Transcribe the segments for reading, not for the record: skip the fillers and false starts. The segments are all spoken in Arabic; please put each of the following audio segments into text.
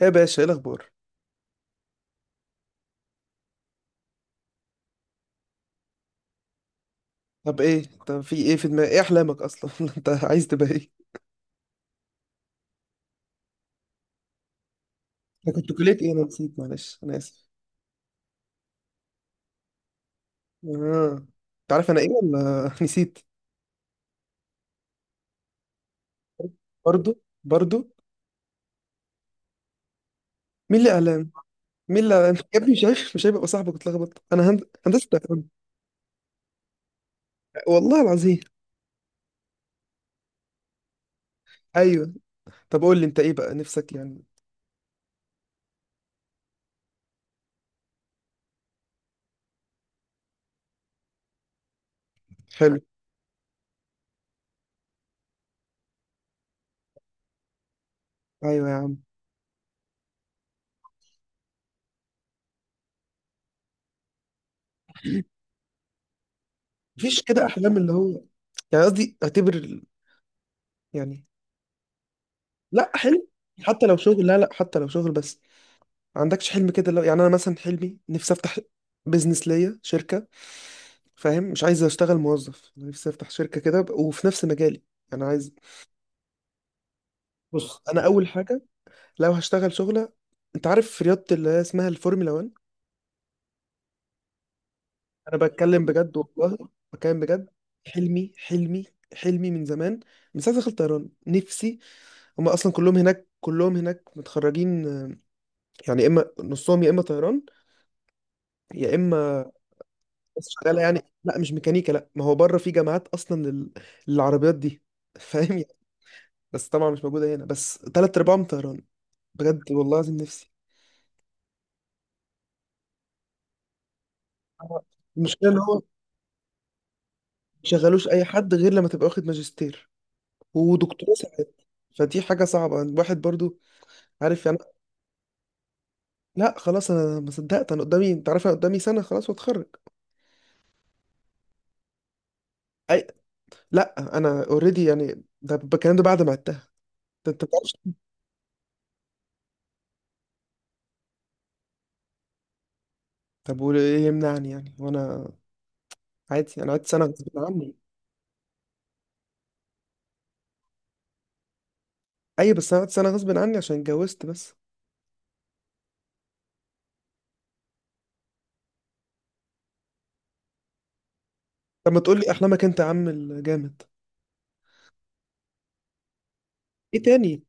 ايه يا باشا، ايه الاخبار؟ طب ايه، طب في ايه في دماغك؟ ايه احلامك اصلا؟ انت عايز تبقى ايه؟ انا كنت كلية ايه؟ انا نسيت، معلش انا اسف. اه، انت عارف انا ايه ولا نسيت؟ برضو. مين اللي اعلام؟ مين اللي اعلام يا ابني؟ مش عارف، مش هيبقى صاحبك اتلخبط. انا هندسة اعلام. والله العظيم. ايوه، طب قول لي انت ايه بقى نفسك يعني. حلو. ايوه يا عم. مفيش كده احلام اللي هو، يعني قصدي اعتبر يعني؟ لا حلو. حتى لو شغل، لا، حتى لو شغل بس. ما عندكش حلم كده؟ لو يعني انا مثلا حلمي نفسي افتح بيزنس ليا، شركه. فاهم؟ مش عايز اشتغل موظف، أنا نفسي افتح شركه كده وفي نفس مجالي. انا عايز. بص، انا اول حاجه لو هشتغل شغله، انت عارف في رياضه اللي هي اسمها الفورمولا 1. انا بتكلم بجد والله، بتكلم بجد. حلمي، حلمي، حلمي من زمان، من ساعه دخلت طيران نفسي. هم اصلا كلهم هناك، كلهم هناك متخرجين يعني اما نصهم يا اما طيران يا اما... بس شغاله يعني. لا مش ميكانيكا، لا، ما هو بره في جامعات اصلا للعربيات دي. فاهم يعني. بس طبعا مش موجوده هنا، بس تلات ارباعهم طيران. بجد والله العظيم نفسي. آه. المشكله ان هو ما يشغلوش اي حد غير لما تبقى واخد ماجستير ودكتوراه ساعات. فدي حاجه صعبه الواحد برضو، عارف يعني. لا خلاص انا ما صدقت، انا قدامي، انت عارف انا قدامي سنه خلاص واتخرج. اي. لا انا اوريدي يعني، ده الكلام ده بعد ما عدتها، ده انت ما بتعرفش. طب وايه يمنعني يعني؟ وانا عادي انا قعدت سنه غصب عني. ايوه بس انا قعدت سنه غصب عني عشان اتجوزت بس. طب ما تقول لي احلامك انت يا عم الجامد. ايه تاني؟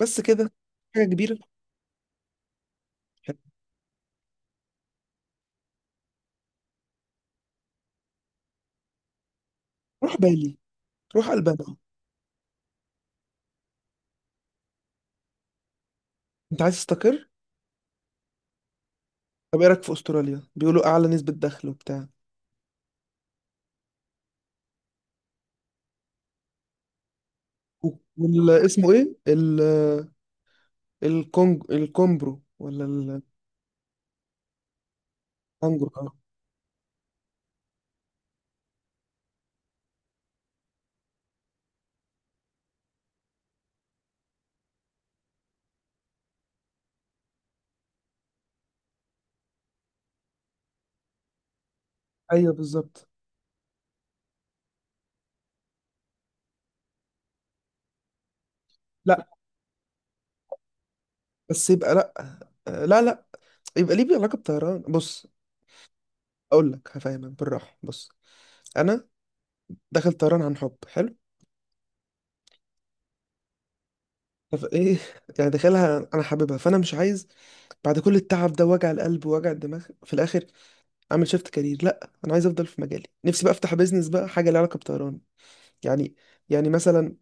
بس كده؟ حاجه كبيره. روح بالي، روح البانيا. انت عايز تستقر. طب ايه رايك في استراليا؟ بيقولوا اعلى نسبه دخل وبتاع. والاسمه ايه الكونج الكومبرو ولا الكونجرو؟ اه. ايوه بالظبط. لا، بس يبقى لا، لا، يبقى ليه علاقه بطيران. بص، اقول لك هفهمك بالراحه. بص، انا داخل طيران عن حب. حلو. فايه يعني، داخلها انا حاببها، فانا مش عايز بعد كل التعب ده وجع القلب ووجع الدماغ في الاخر اعمل شيفت كارير. لا انا عايز افضل في مجالي، نفسي بقى افتح بيزنس بقى حاجه ليها علاقه بطيران يعني. يعني مثلا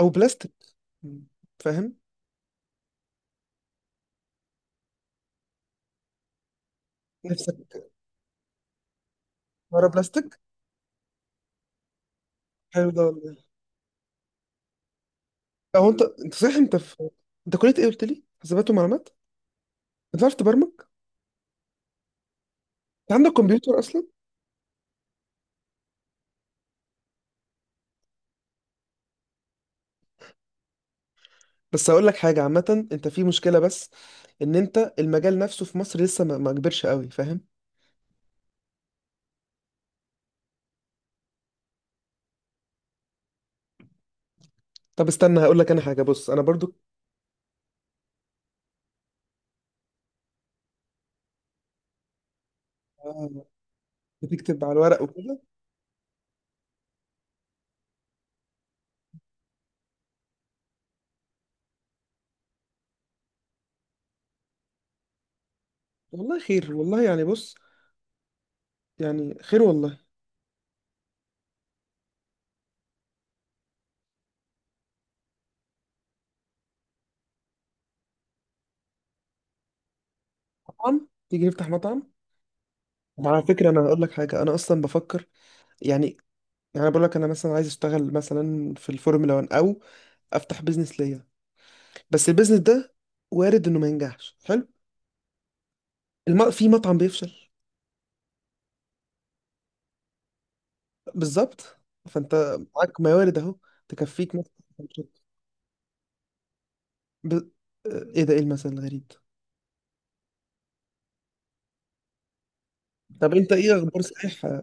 او بلاستيك. مم. فاهم نفسك. مره بلاستيك. حلو ده والله. لو انت صحيح انت في... انت كليه ايه قلت لي؟ حسابات ومعلومات. انت عارف تبرمج؟ انت عندك كمبيوتر اصلا؟ بس هقول لك حاجه عامه، انت في مشكله، بس ان انت المجال نفسه في مصر لسه ما كبرش قوي، فاهم؟ طب استنى هقول لك انا حاجه، بص انا برضو آه، بتكتب على الورق وكده. والله خير، والله يعني بص، يعني خير والله. مطعم، تيجي نفتح مطعم. وعلى فكره انا هقول لك حاجه، انا اصلا بفكر يعني، يعني أنا بقول لك انا مثلا عايز اشتغل مثلا في الفورمولا 1 او افتح بيزنس ليا. بس البيزنس ده وارد انه ما ينجحش. حلو. في مطعم بيفشل. بالظبط. فانت معاك موارد اهو تكفيك مثلا. ب... آه، ايه ده، ايه المثل الغريب؟ طب انت ايه اخبار صحيح،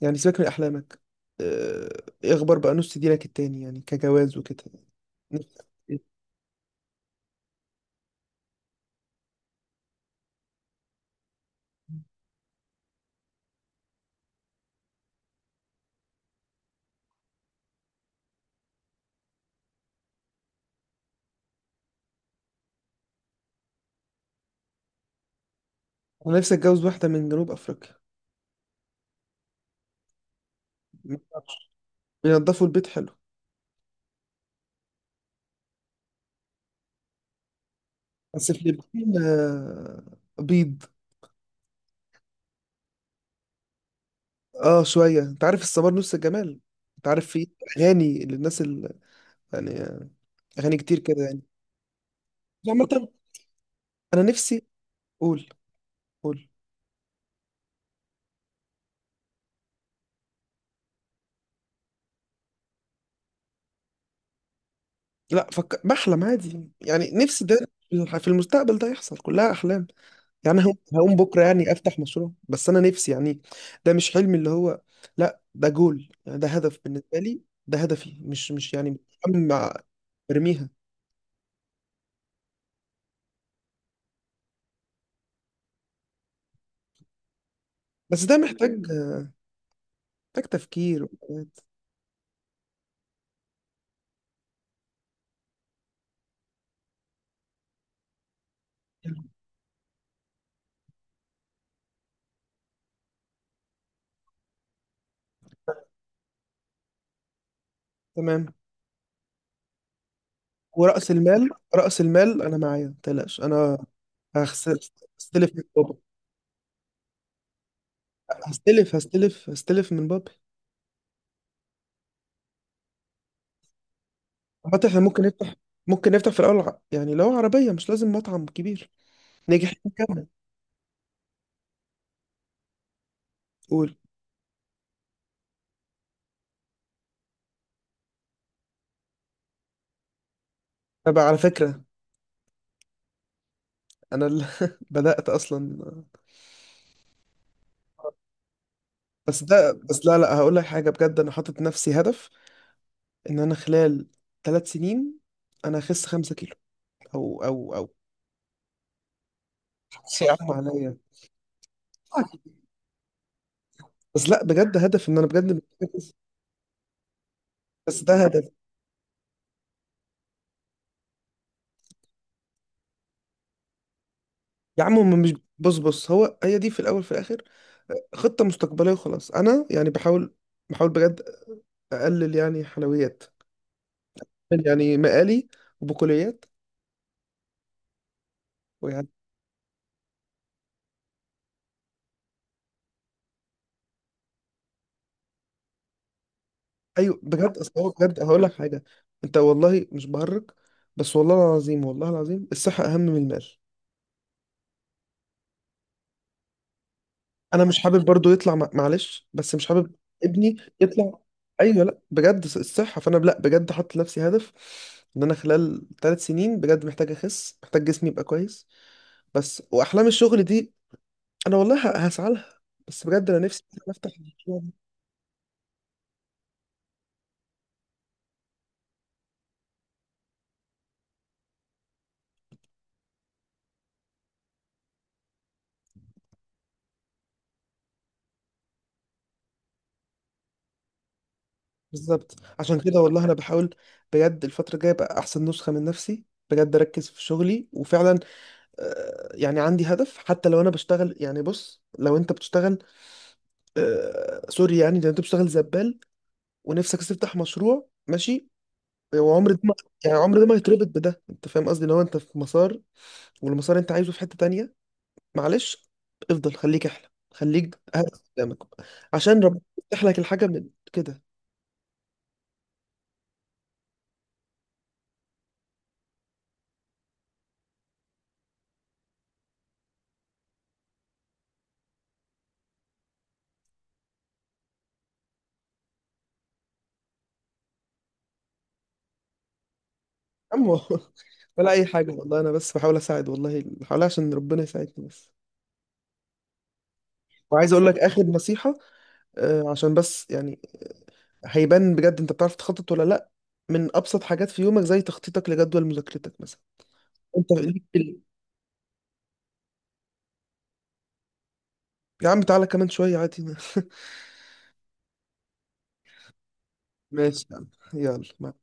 يعني سيبك من احلامك. آه، ايه اخبار بقى نص دينك التاني يعني، كجواز وكده؟ نفسي- انا نفسي اتجوز واحده من جنوب افريقيا. بينضفوا البيت حلو. بس في الفلبين بيض. اه شويه، انت عارف الصبار نص الجمال. انت عارف في اغاني للناس يعني اغاني كتير كده يعني. عامه انا نفسي. قول، قول. لا فك... بحلم عادي يعني، نفسي ده في المستقبل ده يحصل، كلها احلام يعني. هقوم، هقوم بكره يعني افتح مشروع، بس انا نفسي يعني. ده مش حلم اللي هو، لا ده جول يعني، ده هدف بالنسبه لي، ده هدفي مش مش يعني مش هم برميها. بس ده محتاج، محتاج تفكير وحاجات. تمام. ورأس المال. رأس المال انا معايا، ما تقلقش انا هخسر. هستلف من بابا، هستلف من بابا. حتى احنا ممكن نفتح، ممكن نفتح في الاول، يعني لو عربيه مش لازم مطعم كبير. نجح نكمل. قول. طب على فكره انا اللي بدأت اصلا. بس لا، هقول لك حاجة بجد، انا حاطط نفسي هدف ان انا خلال 3 سنين انا اخس 5 كيلو او او او شيء يعم عليا. بس لا بجد هدف، ان انا بجد مركز. بس ده هدف. يا عم هم مش، بص هو هي دي في الاول في الاخر خطة مستقبلية وخلاص. انا يعني بحاول، بحاول بجد اقلل يعني حلويات، يعني مقالي وبقوليات. ايوه بجد، اصل هو بجد هقول لك حاجه، انت والله مش بهرج. بس والله العظيم، والله العظيم الصحه اهم من المال. انا مش حابب برضو يطلع معلش بس مش حابب ابني يطلع. ايوه لا بجد، الصحه. فانا لا بجد حاطط لنفسي هدف ان انا خلال ثلاث سنين بجد محتاج اخس، محتاج جسمي يبقى كويس. بس واحلام الشغل دي انا والله هسعى لها. بس بجد انا نفسي إن أنا افتح المشروع ده. بالظبط، عشان كده والله انا بحاول بجد الفتره الجايه ابقى احسن نسخه من نفسي، بجد اركز في شغلي. وفعلا يعني عندي هدف حتى لو انا بشتغل يعني. بص لو انت بتشتغل سوري، يعني لو انت بتشتغل زبال ونفسك تفتح مشروع، ماشي. وعمر ده ما، يعني عمر ده ما يتربط بده. انت فاهم قصدي؟ لو انت في مسار والمسار انت عايزه في حتة تانية، معلش، افضل خليك احلم، خليك هدف قدامك، عشان ربنا يفتح لك الحاجة من كده. عمو ولا اي حاجة والله، انا بس بحاول اساعد والله، بحاول عشان ربنا يساعدني بس. وعايز اقول لك اخر نصيحة، عشان بس يعني هيبان بجد انت بتعرف تخطط ولا لا من ابسط حاجات في يومك، زي تخطيطك لجدول مذاكرتك مثلا. انت ليك في يا عم تعالى كمان شويه عادي. ماشي يا عم، يلا مع...